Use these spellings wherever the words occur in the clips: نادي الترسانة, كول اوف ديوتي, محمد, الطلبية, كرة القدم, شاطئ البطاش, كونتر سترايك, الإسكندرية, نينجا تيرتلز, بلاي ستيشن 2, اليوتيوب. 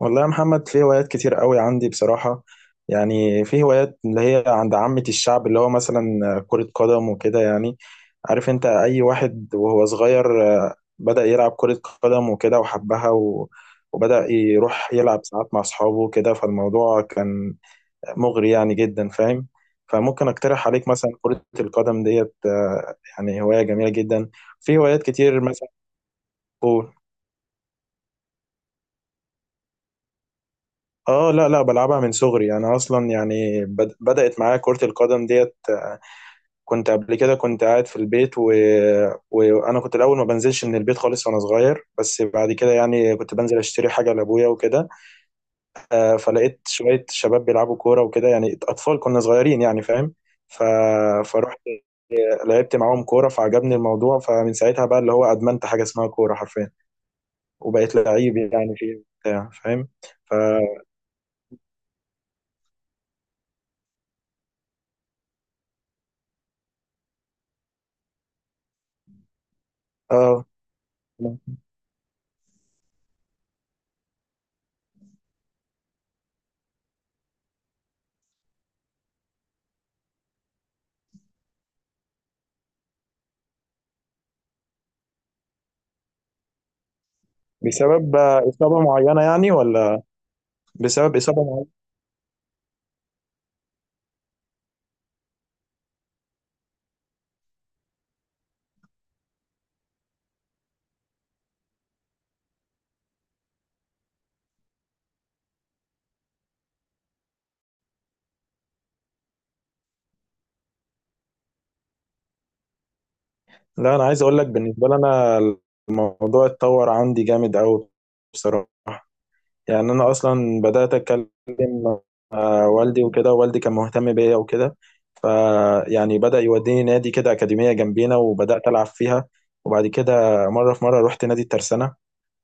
والله يا محمد، في هوايات كتير قوي عندي بصراحة. يعني في هوايات اللي هي عند عامة الشعب، اللي هو مثلا كرة قدم وكده يعني. عارف انت اي واحد وهو صغير، بدأ يلعب كرة قدم وكده وحبها وبدأ يروح يلعب ساعات مع اصحابه وكده. فالموضوع كان مغري يعني جدا، فاهم. فممكن اقترح عليك مثلا كرة القدم ديت. يعني هواية جميلة جدا. في هوايات كتير مثلا. قول. اه لا لا، بلعبها من صغري. انا اصلا يعني بدأت معايا كرة القدم ديت. كنت قبل كده كنت قاعد في البيت، وانا كنت الاول ما بنزلش من البيت خالص وانا صغير، بس بعد كده يعني كنت بنزل اشتري حاجة لابويا وكده. فلقيت شوية شباب بيلعبوا كورة وكده، يعني اطفال كنا صغيرين يعني، فاهم. ف... فرحت لعبت معاهم كورة فعجبني الموضوع، فمن ساعتها بقى اللي هو ادمنت حاجة اسمها كورة حرفيا. وبقيت لعيب يعني فيه بتاع، فاهم. ف اه بسبب إصابة معينة يعني، ولا بسبب إصابة معينة؟ لا أنا عايز أقول لك، بالنسبة لي أنا الموضوع اتطور عندي جامد أوي بصراحة. يعني أنا أصلا بدأت أتكلم مع والدي وكده، والدي كان مهتم بيا وكده. فيعني بدأ يوديني نادي كده، أكاديمية جنبينا، وبدأت ألعب فيها. وبعد كده مرة في مرة رحت نادي الترسانة،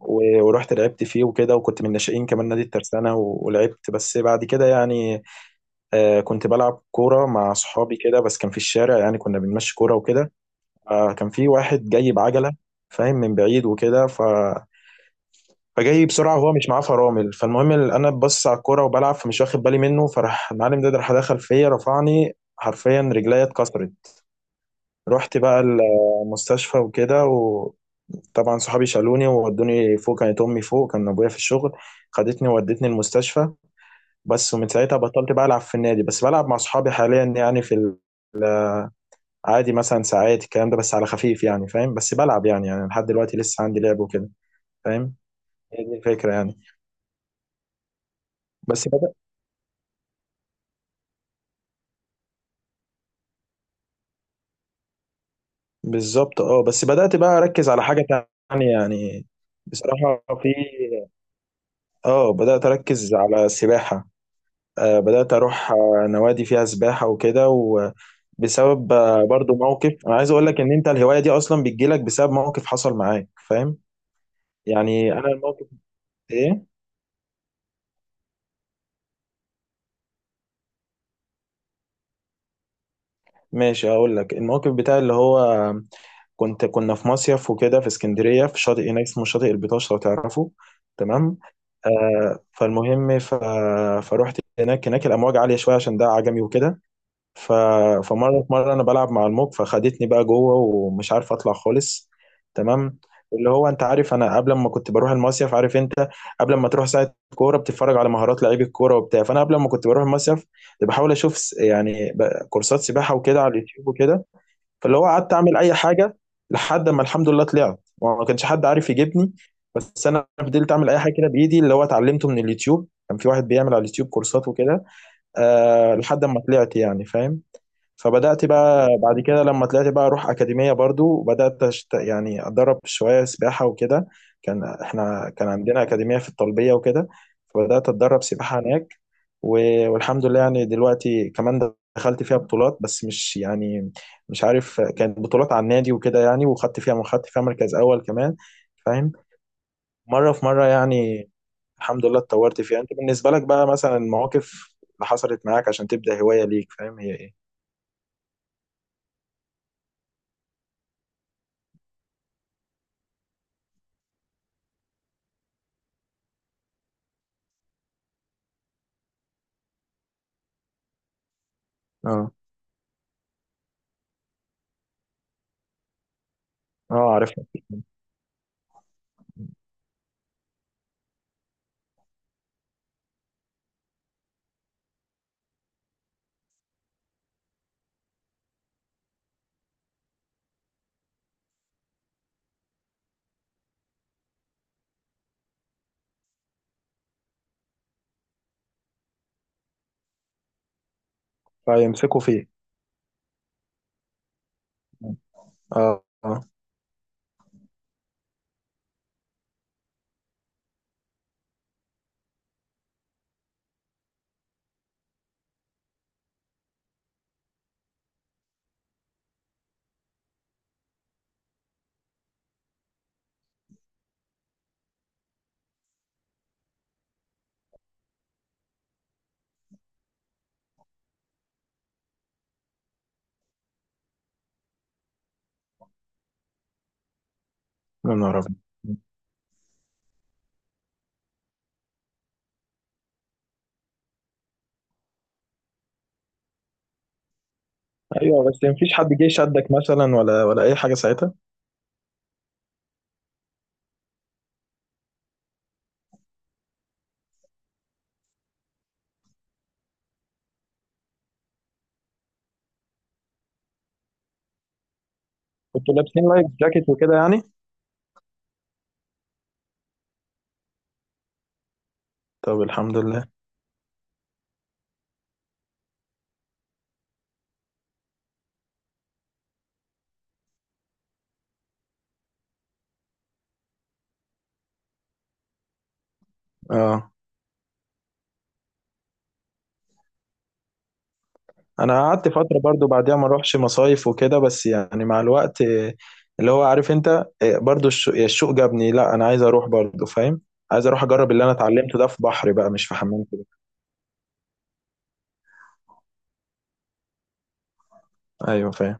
ورحت لعبت فيه وكده، وكنت من الناشئين كمان نادي الترسانة، ولعبت. بس بعد كده يعني، كنت بلعب كورة مع صحابي كده، بس كان في الشارع يعني، كنا بنمشي كورة وكده. كان في واحد جاي بعجلة، فاهم، من بعيد وكده. فجاي بسرعة وهو مش معاه فرامل. فالمهم، أنا ببص على الكورة وبلعب فمش واخد بالي منه، فراح المعلم ده راح دخل فيا رفعني، حرفيا رجليا اتكسرت. رحت بقى المستشفى وكده. طبعا صحابي شالوني وودوني فوق، كانت امي فوق، كان ابويا في الشغل، خدتني وودتني المستشفى بس. ومن ساعتها بطلت بقى العب في النادي، بس بلعب مع صحابي حاليا يعني، في عادي مثلا ساعات الكلام ده بس على خفيف يعني، فاهم. بس بلعب يعني، يعني لحد دلوقتي لسه عندي لعب وكده، فاهم. هي دي الفكرة يعني. بس بدأ بالظبط، اه بس بدأت بقى أركز على حاجة تانية يعني. بصراحة في اه بدأت أركز على السباحة. بدأت أروح نوادي فيها سباحة وكده. وبسبب برضو موقف. أنا عايز أقول لك إن أنت الهواية دي أصلا بتجيلك بسبب موقف حصل معاك، فاهم. يعني أنا الموقف إيه. ماشي هقول لك الموقف بتاعي، اللي هو كنا في مصيف وكده في اسكندرية، في شاطئ هناك اسمه شاطئ البطاش لو تعرفه. تمام. فالمهم، فروحت هناك. هناك الأمواج عالية شوية عشان ده عجمي وكده. ف... فمرة أنا بلعب مع الموج فخدتني بقى جوه، ومش عارف أطلع خالص. تمام. اللي هو أنت عارف، أنا قبل ما كنت بروح المصيف، عارف أنت قبل ما تروح ساعة كورة بتتفرج على مهارات لعيب الكورة وبتاع، فأنا قبل ما كنت بروح المصيف بحاول أشوف كورسات سباحة وكده على اليوتيوب وكده. فاللي هو قعدت اعمل اي حاجه لحد ما الحمد لله طلعت، وما كانش حد عارف يجيبني. بس انا فضلت اعمل اي حاجه كده بايدي، اللي هو اتعلمته من اليوتيوب. كان في واحد بيعمل على اليوتيوب كورسات وكده. أه لحد ما طلعت يعني، فاهم. فبدأت بقى بعد كده لما طلعت بقى أروح أكاديمية برضو، وبدأت يعني أتدرب شوية سباحة وكده. كان إحنا كان عندنا أكاديمية في الطلبية وكده. فبدأت أتدرب سباحة هناك و... والحمد لله يعني دلوقتي كمان دخلت فيها بطولات، بس مش يعني مش عارف، كانت بطولات على النادي وكده يعني، وخدت فيها، خدت فيها مركز أول كمان، فاهم. مرة في مرة يعني الحمد لله اتطورت فيها. أنت بالنسبة لك بقى مثلا المواقف اللي حصلت معاك عشان تبدأ هواية ليك، فاهم، هي إيه؟ اه اه. عارف، فيمسكوا فيه. اه اه، يا نهار أبيض. ايوه بس مفيش حد جه شدك مثلا، ولا اي حاجه ساعتها؟ كنتوا لابسين لايف جاكيت وكده يعني؟ طب الحمد لله. اه انا قعدت فتره برضو بعديها ما اروحش مصايف وكده، بس يعني مع الوقت، اللي هو عارف انت، برضو الشوق جابني، لا انا عايز اروح برضو، فاهم، عايز اروح اجرب اللي انا اتعلمته ده في بحر بقى، مش في حمام كده. ايوه فاهم.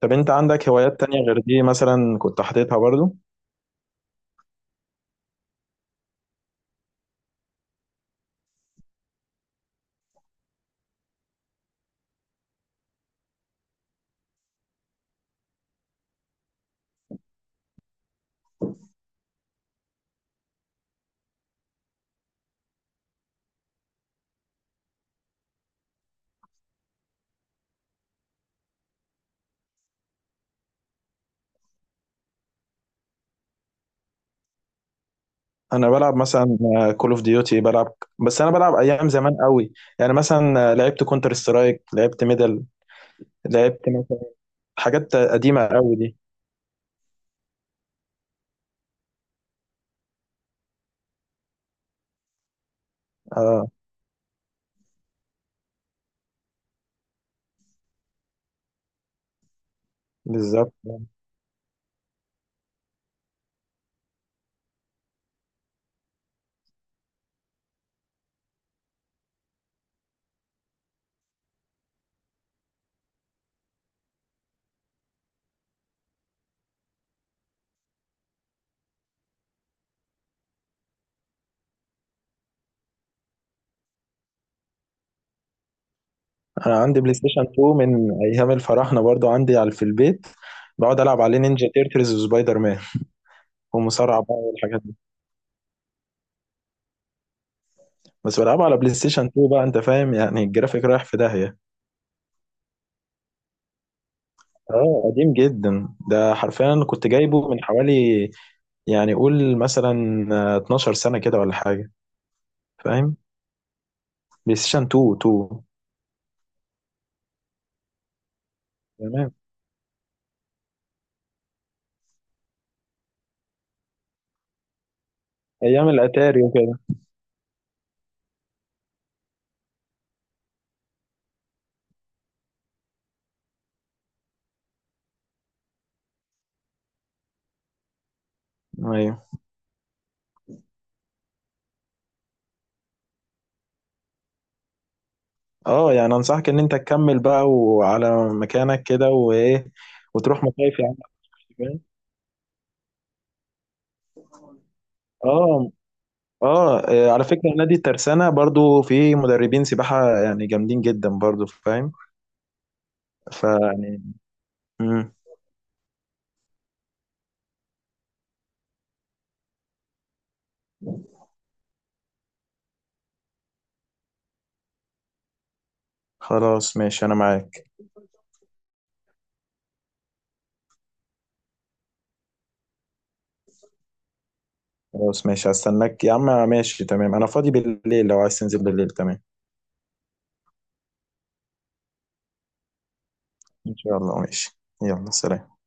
طب انت عندك هوايات تانية غير دي مثلا، كنت حاططها برضو؟ انا بلعب مثلا كول اوف ديوتي بلعب، بس انا بلعب ايام زمان قوي، يعني مثلا لعبت كونتر سترايك، لعبت ميدل، لعبت مثلا حاجات قديمه قوي دي. اه بالظبط. انا عندي بلاي ستيشن 2 من ايام الفراعنه، برضو عندي على في البيت، بقعد العب عليه نينجا تيرتلز وسبايدر مان ومصارعه بقى والحاجات دي. بس بلعبها على بلاي ستيشن 2 بقى، انت فاهم، يعني الجرافيك رايح في داهيه. اه قديم جدا ده، حرفيا كنت جايبه من حوالي، يعني قول مثلا 12 سنه كده ولا حاجه، فاهم. بلاي ستيشن 2. تمام. ايام الاتاري وكده. ايوه. اه يعني انصحك ان انت تكمل بقى وعلى مكانك كده وايه، وتروح مصايف يا عم، فاهم؟ اه اه. على فكره نادي الترسانه برضو فيه مدربين سباحه يعني جامدين جدا برضو، فاهم. فيعني مم. خلاص ماشي انا معاك. خلاص ماشي هستناك يا عم، ماشي تمام، انا فاضي بالليل لو عايز تنزل بالليل تمام. ان شاء الله ماشي. يلا سلام.